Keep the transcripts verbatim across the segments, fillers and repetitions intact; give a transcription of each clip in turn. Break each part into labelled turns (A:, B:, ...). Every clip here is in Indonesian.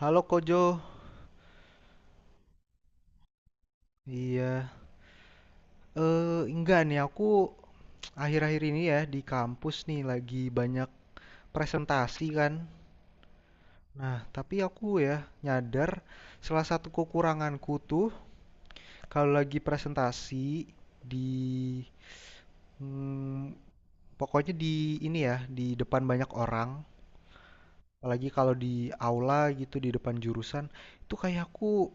A: Halo Kojo, iya. Eh, enggak nih, aku akhir-akhir ini ya di kampus nih lagi banyak presentasi kan. Nah, tapi aku ya nyadar salah satu kekuranganku tuh kalau lagi presentasi di hmm, pokoknya di ini ya, di depan banyak orang, apalagi kalau di aula gitu di depan jurusan, itu kayak aku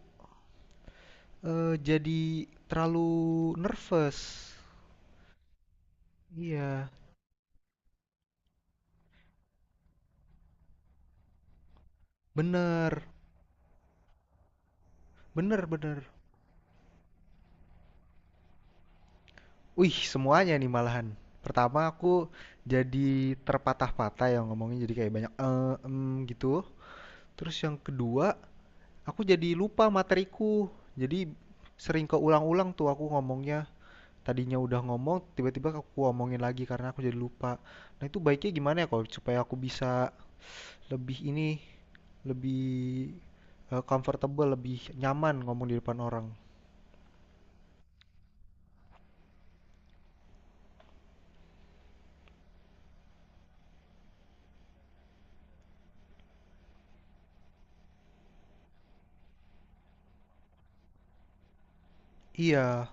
A: eh, jadi terlalu nervous. Iya, bener, bener, bener. Wih, semuanya nih malahan. Pertama aku jadi terpatah-patah yang ngomongnya jadi kayak banyak eh em gitu. Terus yang kedua, aku jadi lupa materiku. Jadi sering keulang-ulang tuh aku ngomongnya. Tadinya udah ngomong, tiba-tiba aku ngomongin lagi karena aku jadi lupa. Nah, itu baiknya gimana ya kalau supaya aku bisa lebih ini, lebih eh, comfortable, lebih nyaman ngomong di depan orang. Iya,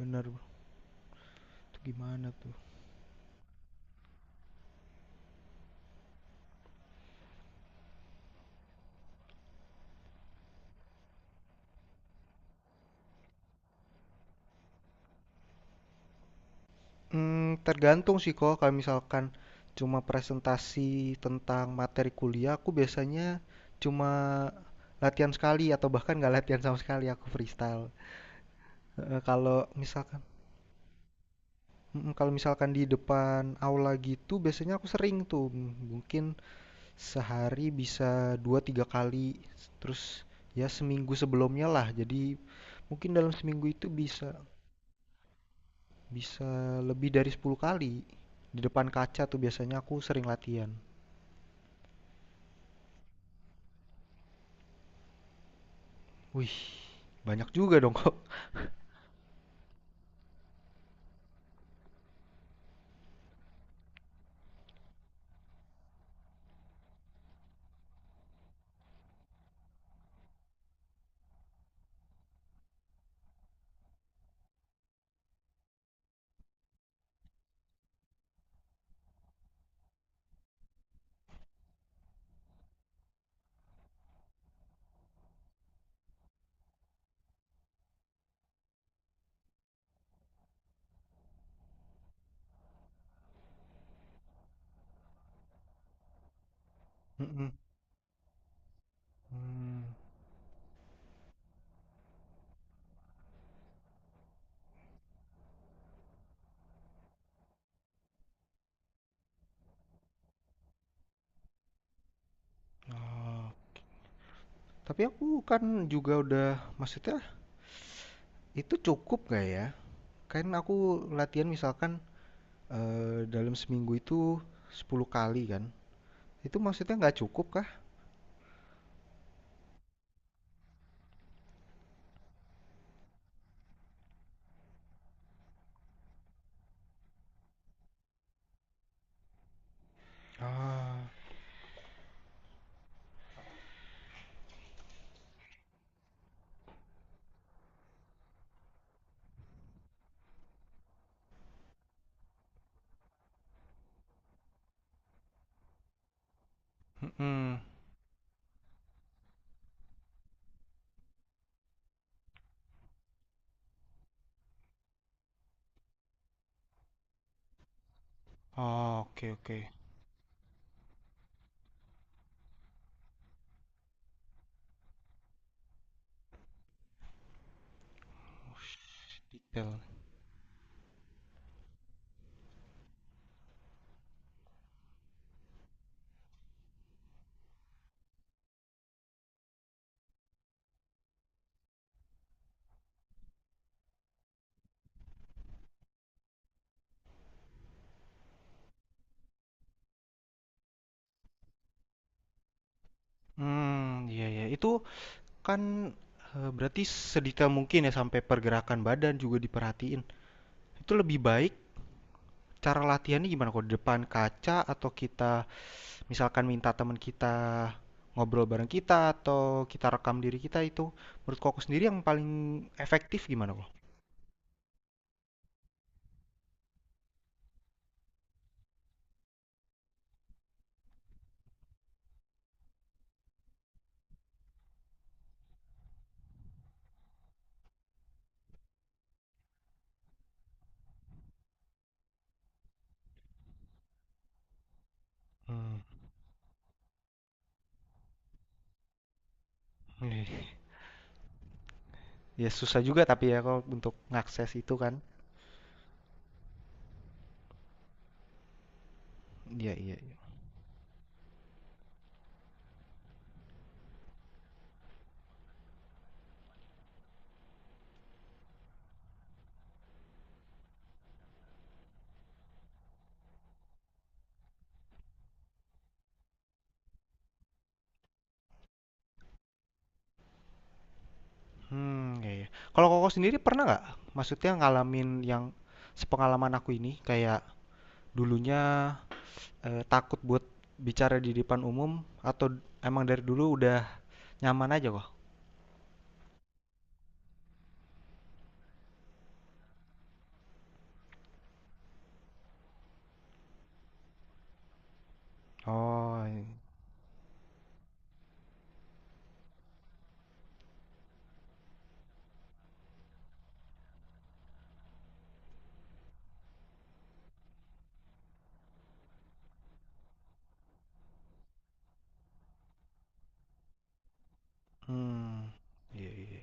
A: bener. Itu gimana tuh? Mmm, tergantung sih kok kalau misalkan cuma presentasi tentang materi kuliah, aku biasanya cuma latihan sekali atau bahkan nggak latihan sama sekali, aku freestyle. Heeh. Kalau misalkan mhm, kalau misalkan di depan aula gitu biasanya aku sering tuh, m- mungkin sehari bisa dua tiga kali, terus ya seminggu sebelumnya lah, jadi mungkin dalam seminggu itu bisa bisa lebih dari sepuluh kali. Di depan kaca tuh biasanya aku sering latihan. Wih, banyak juga dong kok. Mm-mm. Hmm, ah, tapi aku kan juga udah, maksudnya itu cukup gak ya? Kan aku latihan misalkan eh, dalam seminggu itu sepuluh kali kan. Itu maksudnya nggak cukup kah? Ah, mm-mm. Oh, oke oke. Detail. Hmm, iya ya. Itu kan eh, berarti sedetail mungkin ya sampai pergerakan badan juga diperhatiin. Itu lebih baik cara latihannya gimana kok? Depan kaca atau kita misalkan minta teman kita ngobrol bareng kita atau kita rekam diri kita itu menurut koko sendiri yang paling efektif gimana kok? Hmm. Ya susah juga tapi ya kok untuk ngakses itu kan. Iya iya. Iya. Hmm, iya, iya. Kalau koko sendiri pernah nggak? Maksudnya ngalamin yang sepengalaman aku ini kayak dulunya eh, takut buat bicara di depan umum atau emang dari dulu udah nyaman aja kok? Oh, iya. Hmm, iya iya.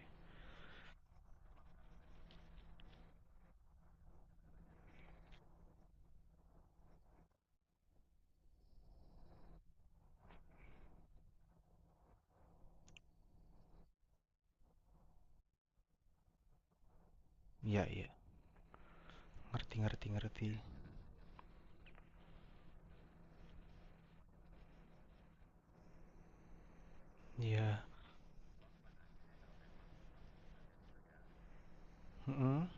A: Iya iya. Ngerti ngerti ngerti. Iya. Mhm.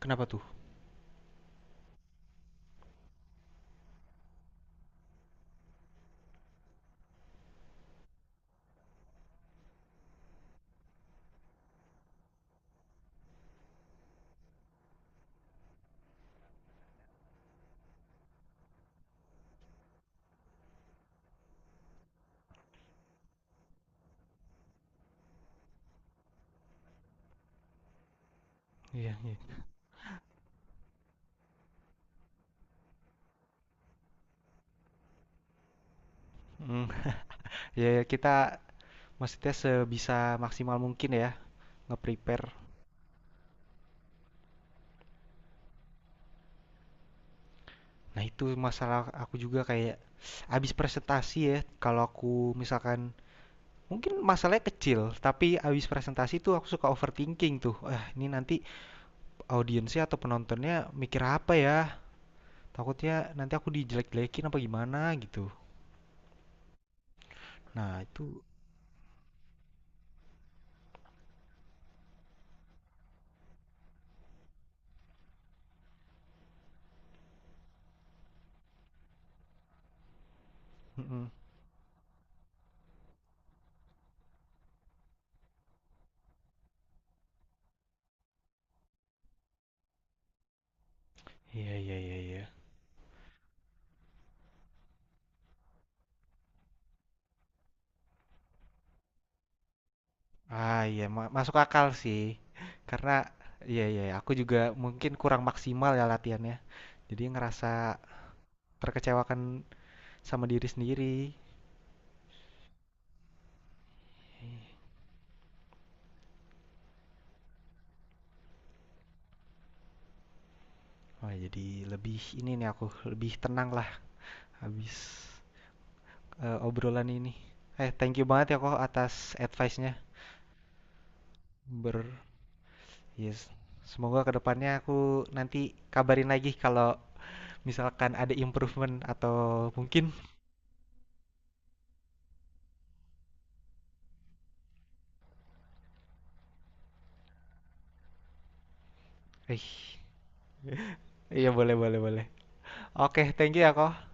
A: Kenapa tuh? Iya iya. Mhm. Iya iya, kita maksudnya sebisa maksimal mungkin ya nge-prepare. Nah itu masalah aku juga kayak abis presentasi ya kalau aku misalkan mungkin masalahnya kecil tapi abis presentasi tuh aku suka overthinking tuh. Ah, ini nanti audiensnya atau penontonnya mikir apa ya? Takutnya nanti aku dijelek-jelekin apa gimana gitu. Nah itu. Mhm. Iya iya iya iya. Ah, iya, ma masuk akal sih. Karena, iya iya, aku juga mungkin kurang maksimal ya latihannya. Jadi ngerasa terkecewakan sama diri sendiri. Wah, jadi lebih ini nih aku lebih tenang lah habis eh, obrolan ini. Eh, thank you banget ya kok atas advice-nya. Ber yes. Semoga kedepannya aku nanti kabarin lagi kalau misalkan ada improvement atau mungkin eh iya boleh boleh boleh. Oke, thank you ya kok.